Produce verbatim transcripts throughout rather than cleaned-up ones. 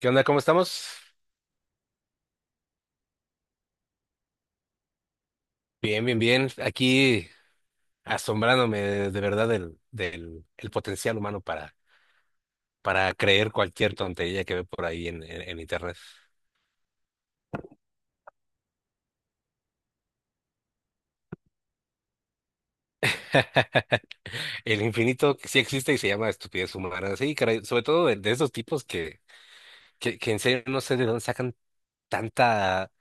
¿Qué onda? ¿Cómo estamos? Bien, bien, bien. Aquí asombrándome de, de verdad del, del el potencial humano para, para creer cualquier tontería que ve por ahí en, en, en internet. El infinito que sí existe y se llama estupidez humana. Sí, caray, sobre todo de, de esos tipos que, que, que en serio no sé de dónde sacan tanta,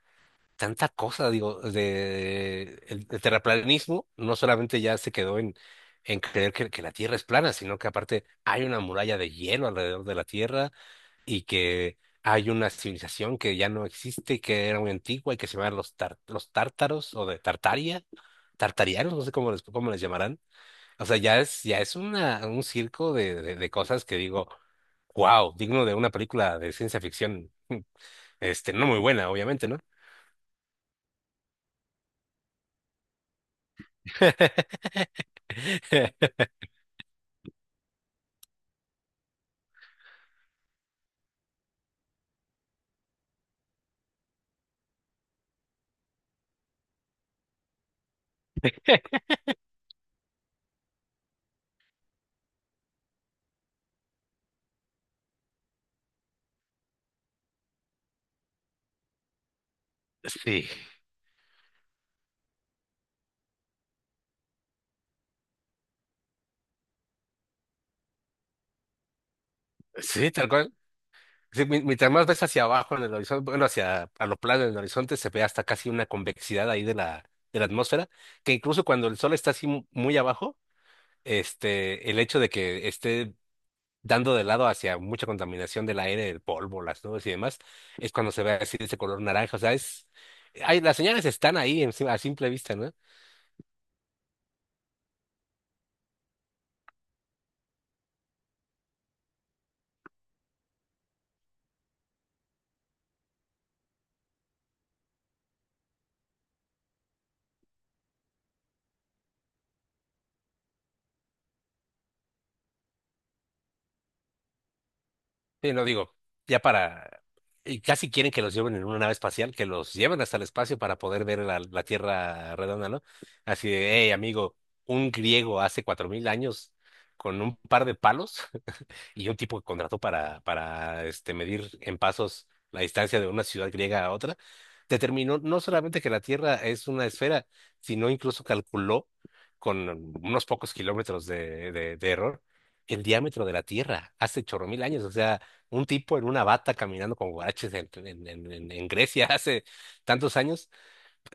tanta cosa. Digo, de, el, el terraplanismo no solamente ya se quedó en, en creer que, que la Tierra es plana, sino que aparte hay una muralla de hielo alrededor de la Tierra y que hay una civilización que ya no existe, que era muy antigua y que se llaman los, tar- los tártaros o de Tartaria, tartarianos, no sé cómo les, cómo les llamarán. O sea, ya es, ya es una, un circo de, de, de cosas que digo, wow, digno de una película de ciencia ficción. Este, no muy buena, obviamente, ¿no? Sí, sí, tal cual. Sí, mi- mientras más ves hacia abajo en el horizonte, bueno, hacia a lo plano en el horizonte, se ve hasta casi una convexidad ahí de la, de la atmósfera, que incluso cuando el sol está así mu- muy abajo, este, el hecho de que esté dando de lado hacia mucha contaminación del aire, el polvo, las nubes y demás, es cuando se ve así de ese color naranja. O sea, es, hay, las señales están ahí encima, a simple vista, ¿no? Sí, no digo, ya para... Y casi quieren que los lleven en una nave espacial, que los lleven hasta el espacio para poder ver la, la Tierra redonda, ¿no? Así de, hey, amigo, un griego hace cuatro mil años con un par de palos y un tipo que contrató para, para este, medir en pasos la distancia de una ciudad griega a otra, determinó no solamente que la Tierra es una esfera, sino incluso calculó con unos pocos kilómetros de, de, de error el diámetro de la Tierra hace chorro mil años. O sea, un tipo en una bata caminando con guaraches en, en, en, en en Grecia hace tantos años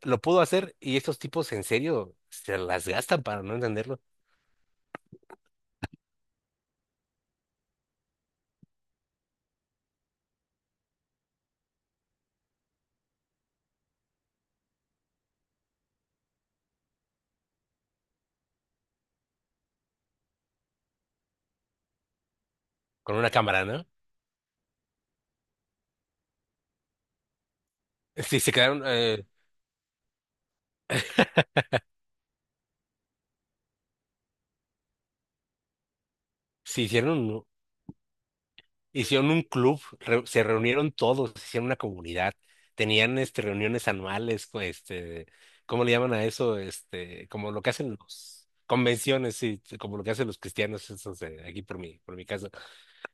lo pudo hacer y estos tipos en serio se las gastan para no entenderlo con una cámara, ¿no? Sí, se quedaron, eh, se hicieron Hicieron un club, re- se reunieron todos, hicieron una comunidad, tenían este, reuniones anuales, co- este, ¿cómo le llaman a eso? Este, como lo que hacen los convenciones, sí, como lo que hacen los cristianos, esos de aquí por mi, por mi casa.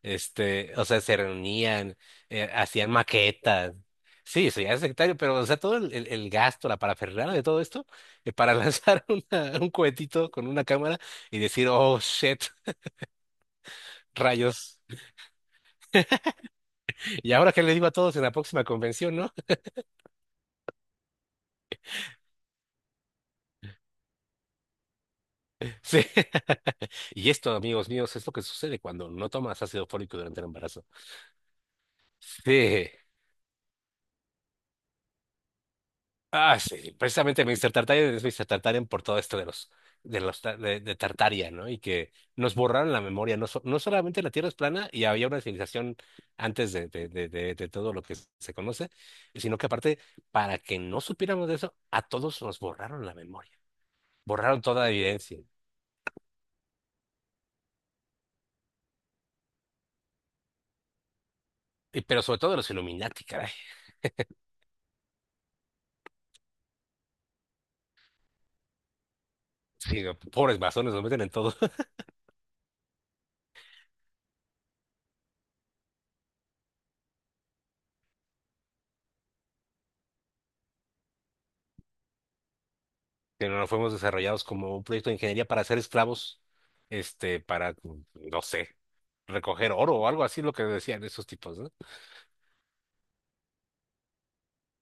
Este, o sea, se reunían, eh, hacían maquetas. Sí, eso ya es sectario, pero o sea, todo el, el- el gasto, la parafernalia de todo esto, eh, para lanzar una- un cohetito con una cámara y decir, oh, shit, rayos. ¿Y ahora qué le digo a todos en la próxima convención, no? Sí. Y esto, amigos míos, es lo que sucede cuando no tomas ácido fólico durante el embarazo. Sí. Ah, sí. Precisamente mister Tartarian es mister Tartarian por todo esto de los, de los, ta- de, de Tartaria, ¿no? Y que nos borraron la memoria. No, so- no solamente la Tierra es plana y había una civilización antes de, de, de, de, de todo lo que se conoce, sino que aparte, para que no supiéramos de eso, a todos nos borraron la memoria. Borraron toda evidencia. Y- Pero sobre todo los Illuminati, caray. Sí, pobres masones, nos meten en todo. Que no fuimos desarrollados como un proyecto de ingeniería para ser esclavos, este, para, no sé, recoger oro o algo así, lo que decían esos tipos, ¿no?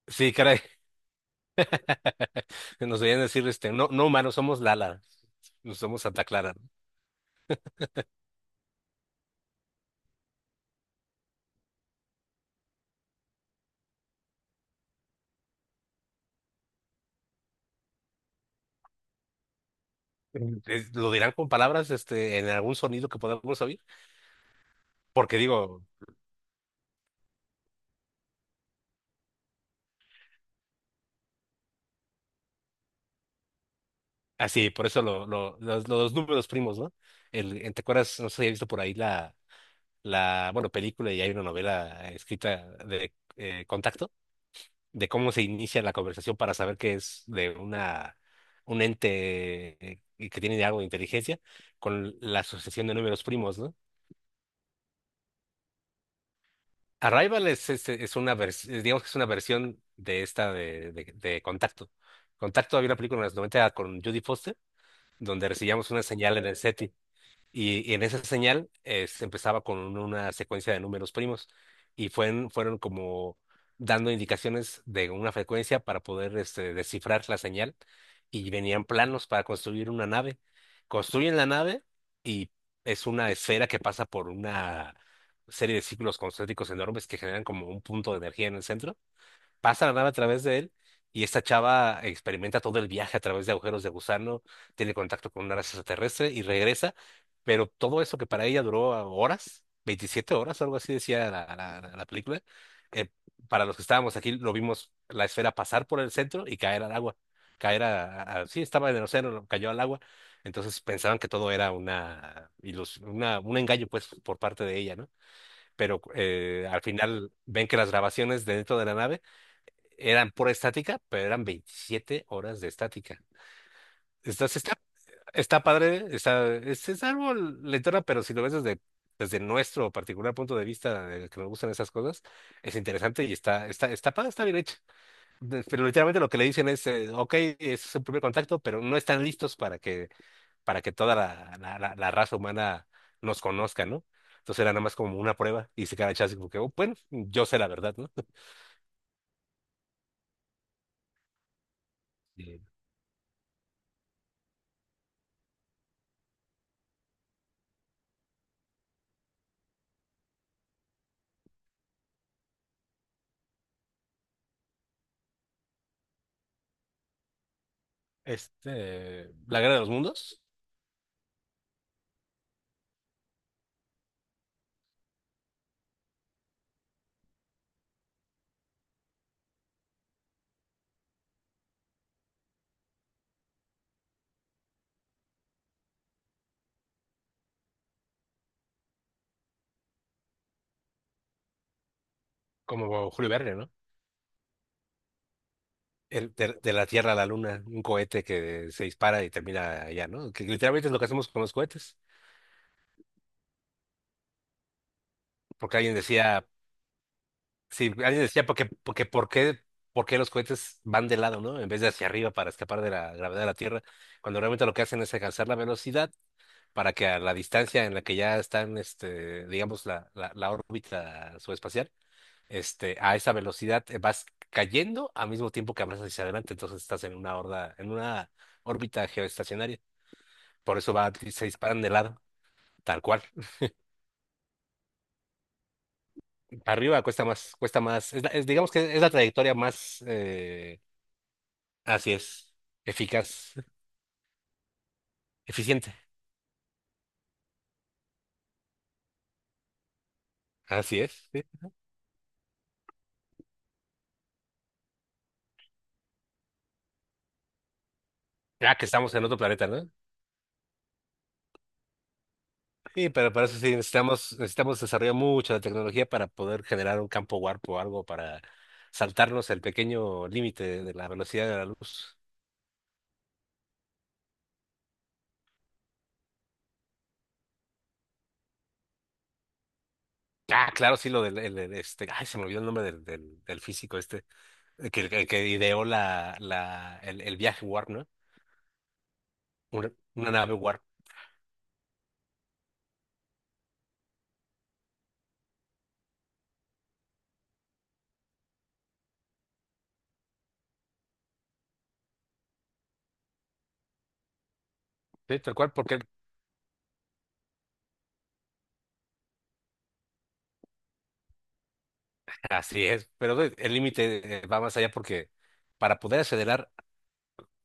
Sí, caray, nos debían decir, este, no, no humanos, somos Lala, no somos Santa Clara. Es- Lo dirán con palabras, este, en algún sonido que podamos oír, porque digo, así, por eso lo, lo- los, los números primos, ¿no? El, ¿te acuerdas? No sé si has visto por ahí la, la, bueno, película y hay una novela escrita de eh, Contacto. De cómo se inicia la conversación para saber que es de una un ente eh, que tiene algo de inteligencia con la asociación de números primos, ¿no? Arrival es, es, es una versión, digamos que es una versión de esta de, de, de Contacto. Contacto había una película en los noventa con Judy Foster, donde recibíamos una señal en el SETI. Y, y en esa señal eh, se empezaba con una secuencia de números primos y fueron, fueron como dando indicaciones de una frecuencia para poder este, descifrar la señal y venían planos para construir una nave. Construyen la nave y es una esfera que pasa por una serie de círculos concéntricos enormes que generan como un punto de energía en el centro pasa la nave a través de él y esta chava experimenta todo el viaje a través de agujeros de gusano, tiene contacto con una raza extraterrestre y regresa, pero todo eso que para ella duró ah, horas, veintisiete horas, algo así decía la, la- la- la película, eh, para los que estábamos aquí lo vimos la esfera pasar por el centro y caer al agua, caer a, a- a- sí, estaba en el océano, cayó al agua, entonces pensaban que todo era una ilus- una, un engaño pues por parte de ella, ¿no? Pero eh, al final ven que las grabaciones de dentro de la nave eran pura estática, pero eran veintisiete horas de estática. Estás, está, Está padre, está, es, es algo lentona, pero si lo ves desde, desde nuestro particular punto de vista, de que nos gustan esas cosas, es interesante y está, está, está padre, está bien hecha. De- Pero literalmente lo que le dicen es, eh, ok, es un primer contacto, pero no están listos para que, para que toda la, la, la- la raza humana nos conozca, ¿no? Entonces era nada más como una prueba y se queda echado así como que, "Oh, bueno, yo sé la verdad, ¿no?" Sí. Este, La Guerra de los Mundos. Como Julio Verne, ¿no? El- de, de la Tierra a la Luna, un cohete que se dispara y termina allá, ¿no? Que literalmente es lo que hacemos con los cohetes. Porque alguien decía, sí, alguien decía, porque, porque, ¿por qué, por qué los cohetes van de lado, ¿no? En vez de hacia arriba para escapar de la gravedad de la Tierra, cuando realmente lo que hacen es alcanzar la velocidad para que a la distancia en la que ya están, este, digamos, la, la, la órbita subespacial, este, a esa velocidad eh, vas cayendo al mismo tiempo que avanzas hacia adelante, entonces estás en una horda, en una órbita geoestacionaria. Por eso va, se disparan de lado, tal cual. Arriba cuesta más, cuesta más, es, la- es- digamos que es la trayectoria más, eh, así es, eficaz, eficiente. Así es, sí. Ya que estamos en otro planeta, ¿no? Sí, pero para eso sí necesitamos, necesitamos desarrollar mucho la tecnología para poder generar un campo warp o algo para saltarnos el pequeño límite de la velocidad de la luz. Ah, claro, sí, lo del el- el, este, ay, se me olvidó el nombre del, del, del físico este, eh, que, que, que ideó la, la, el, el viaje Warp, ¿no? Una, una nave Warp. Sí, tal cual, porque así es, pero el el límite eh, va más allá porque para poder acelerar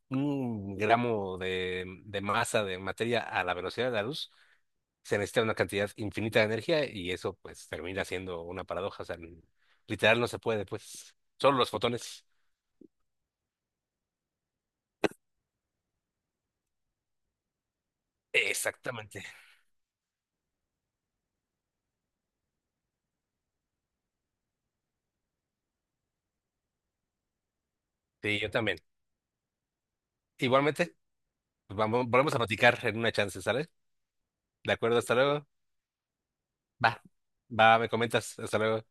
un gramo de, de masa de materia a la velocidad de la luz, se necesita una cantidad infinita de energía y eso pues termina siendo una paradoja, o sea, literal no se puede, pues, solo los fotones. Exactamente. Sí, yo también. Igualmente. Pues vamos, volvemos a platicar en una chance, ¿sale? De acuerdo, hasta luego. Va. Va, me comentas, hasta luego.